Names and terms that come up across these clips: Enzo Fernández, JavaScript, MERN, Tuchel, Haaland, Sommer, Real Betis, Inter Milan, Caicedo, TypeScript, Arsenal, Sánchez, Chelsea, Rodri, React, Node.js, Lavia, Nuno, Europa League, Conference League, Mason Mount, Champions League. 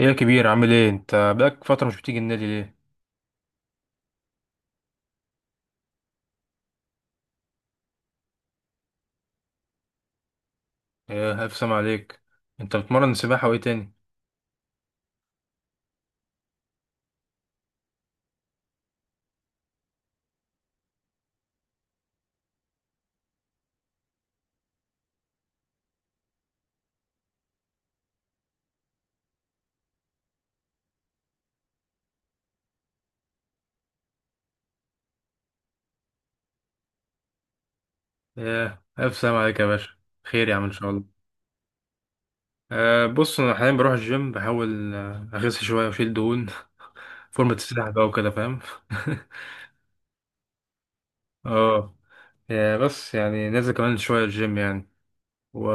ايه يا كبير، عامل ايه؟ انت بقالك فترة مش بتيجي النادي ليه؟ ايه الف سلام عليك. انت بتمرن سباحة وايه تاني؟ ايه الف سلام عليك يا باشا. خير يا عم ان شاء الله. أه بص، انا حاليا بروح الجيم، بحاول اخس شوية واشيل دهون فورمة السباحة بقى وكده، فاهم. اه. يا بس يعني نازل كمان شوية الجيم يعني، و...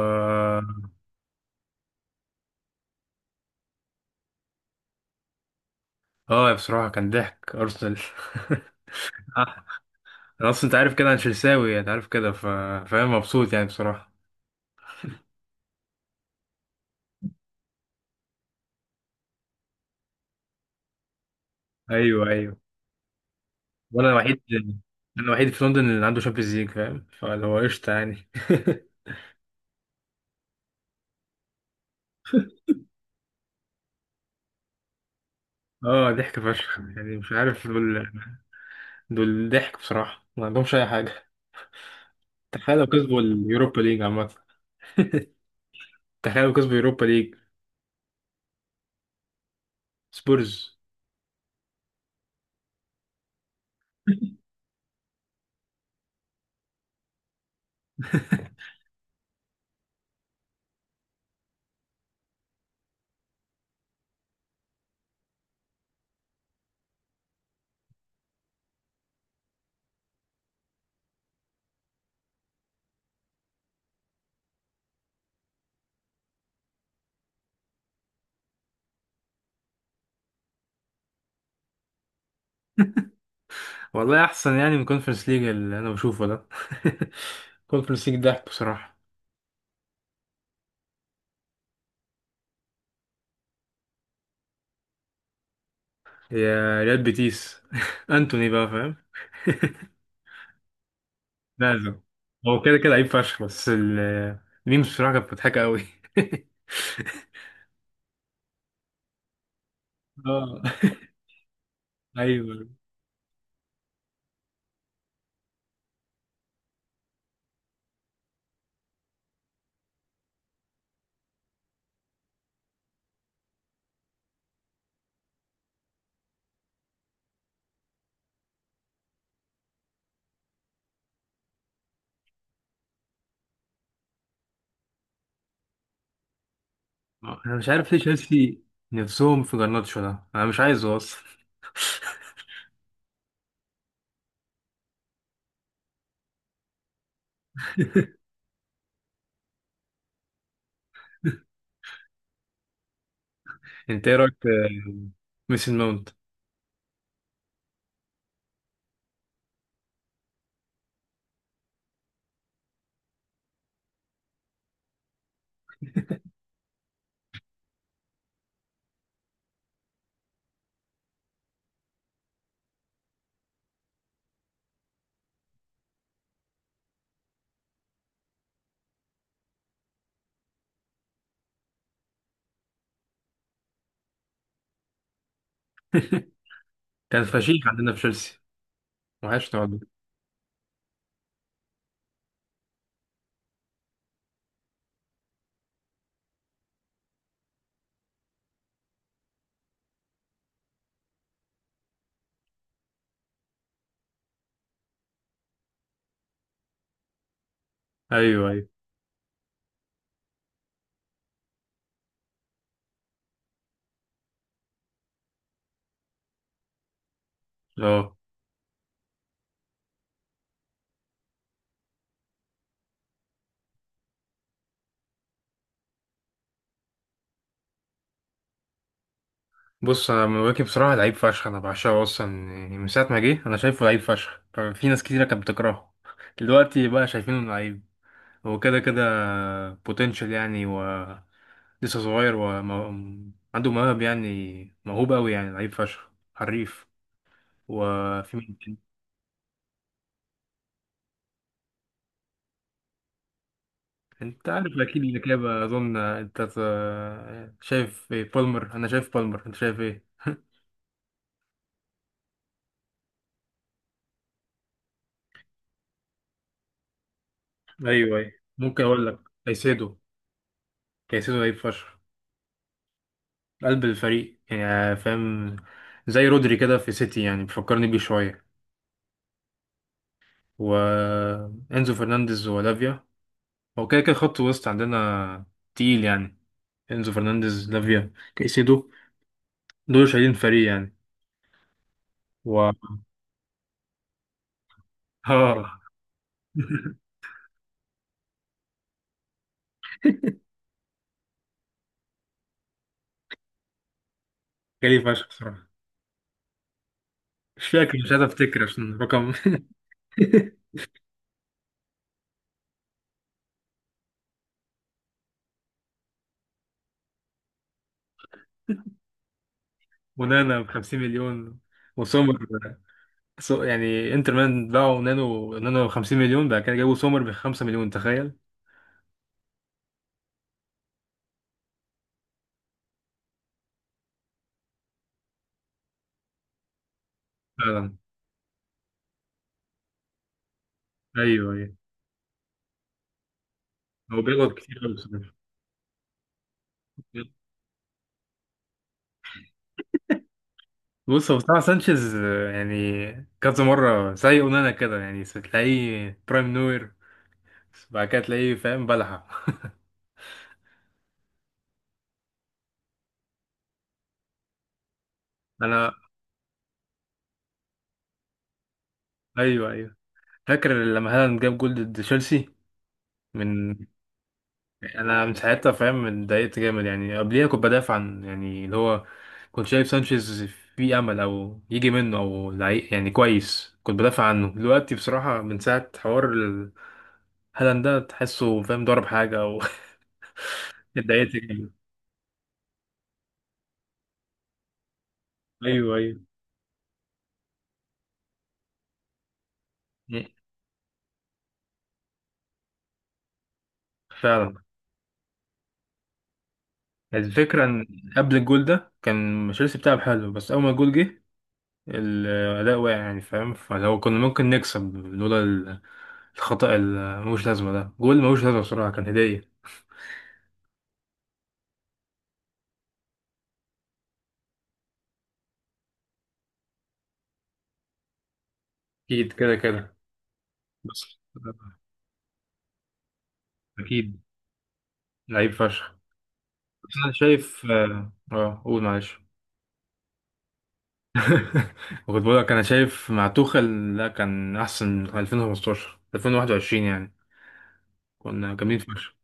اه بصراحة كان ضحك ارسنال. آه، انا اصلا انت عارف كده، انا تشيلساوي انت عارف كده، فاهم، مبسوط يعني بصراحة. ايوه ايوه. وانا الوحيد. انا الوحيد في لندن اللي عنده شامبيونز ليج، فاهم، فاللي هو قشطه يعني. اه ضحك فشخ، يعني مش عارف دول. دول ضحك بصراحه، ما عندهمش اي حاجه. تخيل لو كسبوا اليوروبا ليج عامه. تخيل لو كسبوا اليوروبا ليج. سبورز. والله احسن يعني من كونفرنس ليج اللي انا بشوفه ده. كونفرنس ليج ضحك بصراحه. يا ريال بيتيس. انتوني بقى، فاهم. لازم. هو كده كده لعيب فشخ، بس الميمز بصراحه كانت مضحكه قوي. اه. ايوه. انا مش عارف ليه تشيلسي نفسهم في جرناتشو ده، انا مش عايزه اصلا. انت ايه رايك في ميسن ماونت؟ كان فشيخ عندنا في تشيلسي. وحشنا والله. ايوه ايوه. اه بص، انا مواكب بصراحه لعيب فشخ، انا بعشقه اصلا، يعني من ساعه ما جه انا شايفه لعيب فشخ. ففي ناس كتيره كانت بتكرهه، دلوقتي بقى شايفينه لعيب. هو كده كده بوتنشال يعني، و... لسه صغير وعنده موهب، يعني موهوب قوي، يعني لعيب فشخ، حريف. وفي مين تاني؟ انت عارف اكيد الإجابة. اظن انت شايف ايه؟ بالمر. انا شايف بالمر، انت شايف ايه؟ ايوه ايوه. ممكن اقول لك كايسيدو. كايسيدو لعيب فشخ، قلب الفريق يعني، فاهم. زي رودري كده في سيتي، يعني بيفكرني بيه شوية. وانزو فرنانديز ولافيا. هو كده كده خط وسط عندنا تقيل يعني. انزو فرنانديز، لافيا، كايسيدو، دول شايلين فريق يعني. و... اه. جالي فشخ بصراحة. مش فاكر، مش عايز افتكر عشان رقم. ونانا ب 50 مليون، وسومر. سو يعني انتر ميلان باعوا نانو ب 50 مليون، بعد كده جابوا سومر ب 5 مليون، تخيل. فعلا. ايوه ايوه. هو بيغلط كتير قوي بصراحة. بص هو بصراحة سانشيز يعني كذا مرة زي اونانا كده، يعني تلاقيه برايم نوير، بعد كده تلاقيه فاهم بلحة. انا... ايوه ايوه. فاكر لما هالاند جاب جول ضد تشيلسي، من... انا من ساعتها، فاهم، اتضايقت جامد. يعني قبليها كنت بدافع عن يعني اللي هو، كنت شايف سانشيز في امل، او يجي منه او يعني كويس، كنت بدافع عنه. دلوقتي بصراحة من ساعة حوار هالاند ده تحسه، فاهم، ضرب حاجة او... اتضايقت جامد. ايوه ايوه. فعلا. الفكرة ان قبل الجول ده كان تشيلسي بتلعب حلو، بس اول ما الجول جه الأداء واقع يعني، فاهم. فلو كنا ممكن نكسب لولا الخطأ اللي ملوش لازمة ده، جول ملوش لازمة بصراحة، كان هدية. أكيد كده كده. بس أكيد لعيب فشخ. بس أنا شايف قول معلش. واخد بالك، أنا شايف مع توخل لا كان أحسن 2015، 2021 يعني كنا جامدين فشخ.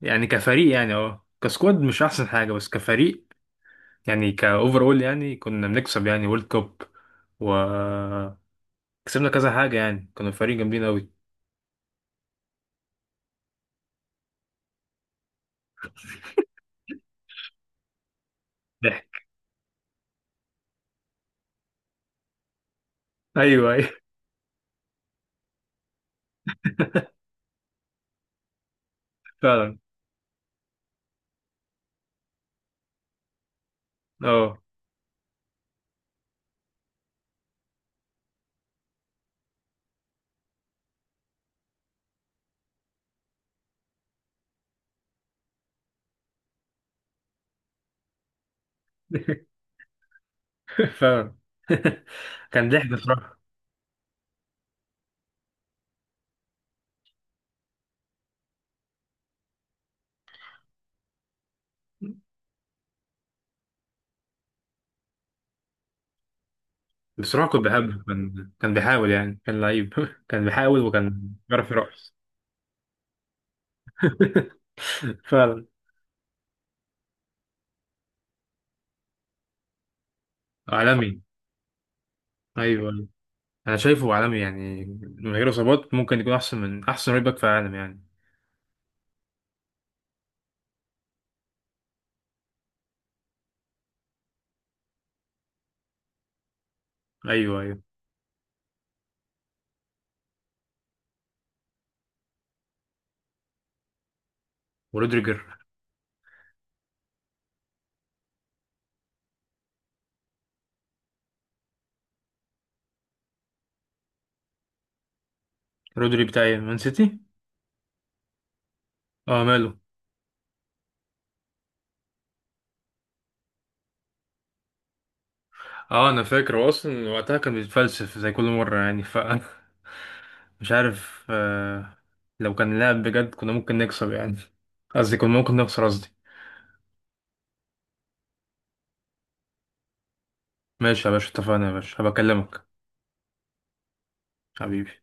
يعني كفريق، يعني أه كسكواد مش أحسن حاجة، بس كفريق يعني كأوفر أول يعني كنا بنكسب يعني وورلد كوب، و... كسبنا كذا حاجة. يعني كانوا الفريق جامدين أوي. ضحك. أيوه أيوه. فعلا. أه. فعلا. كان ضحك بصراحة. بصراحة كنت بحبه، كان كان بيحاول يعني، كان لعيب. كان بيحاول، وكان بيعرف يرقص. فعلا. عالمي. أيوه أيوه. أنا شايفه عالمي يعني، من غير إصابات ممكن يكون أحسن من أحسن رايت باك في العالم يعني. أيوه أيوه. ورودريجر. رودري بتاع مان سيتي. اه ماله. اه انا فاكر هو اصلا وقتها كان بيتفلسف زي كل مره يعني، ف... مش عارف لو كان لعب بجد كنا ممكن نكسب يعني، قصدي كنا ممكن نخسر قصدي. ماشي يا باشا، اتفقنا يا باشا، هبكلمك. حبيبي.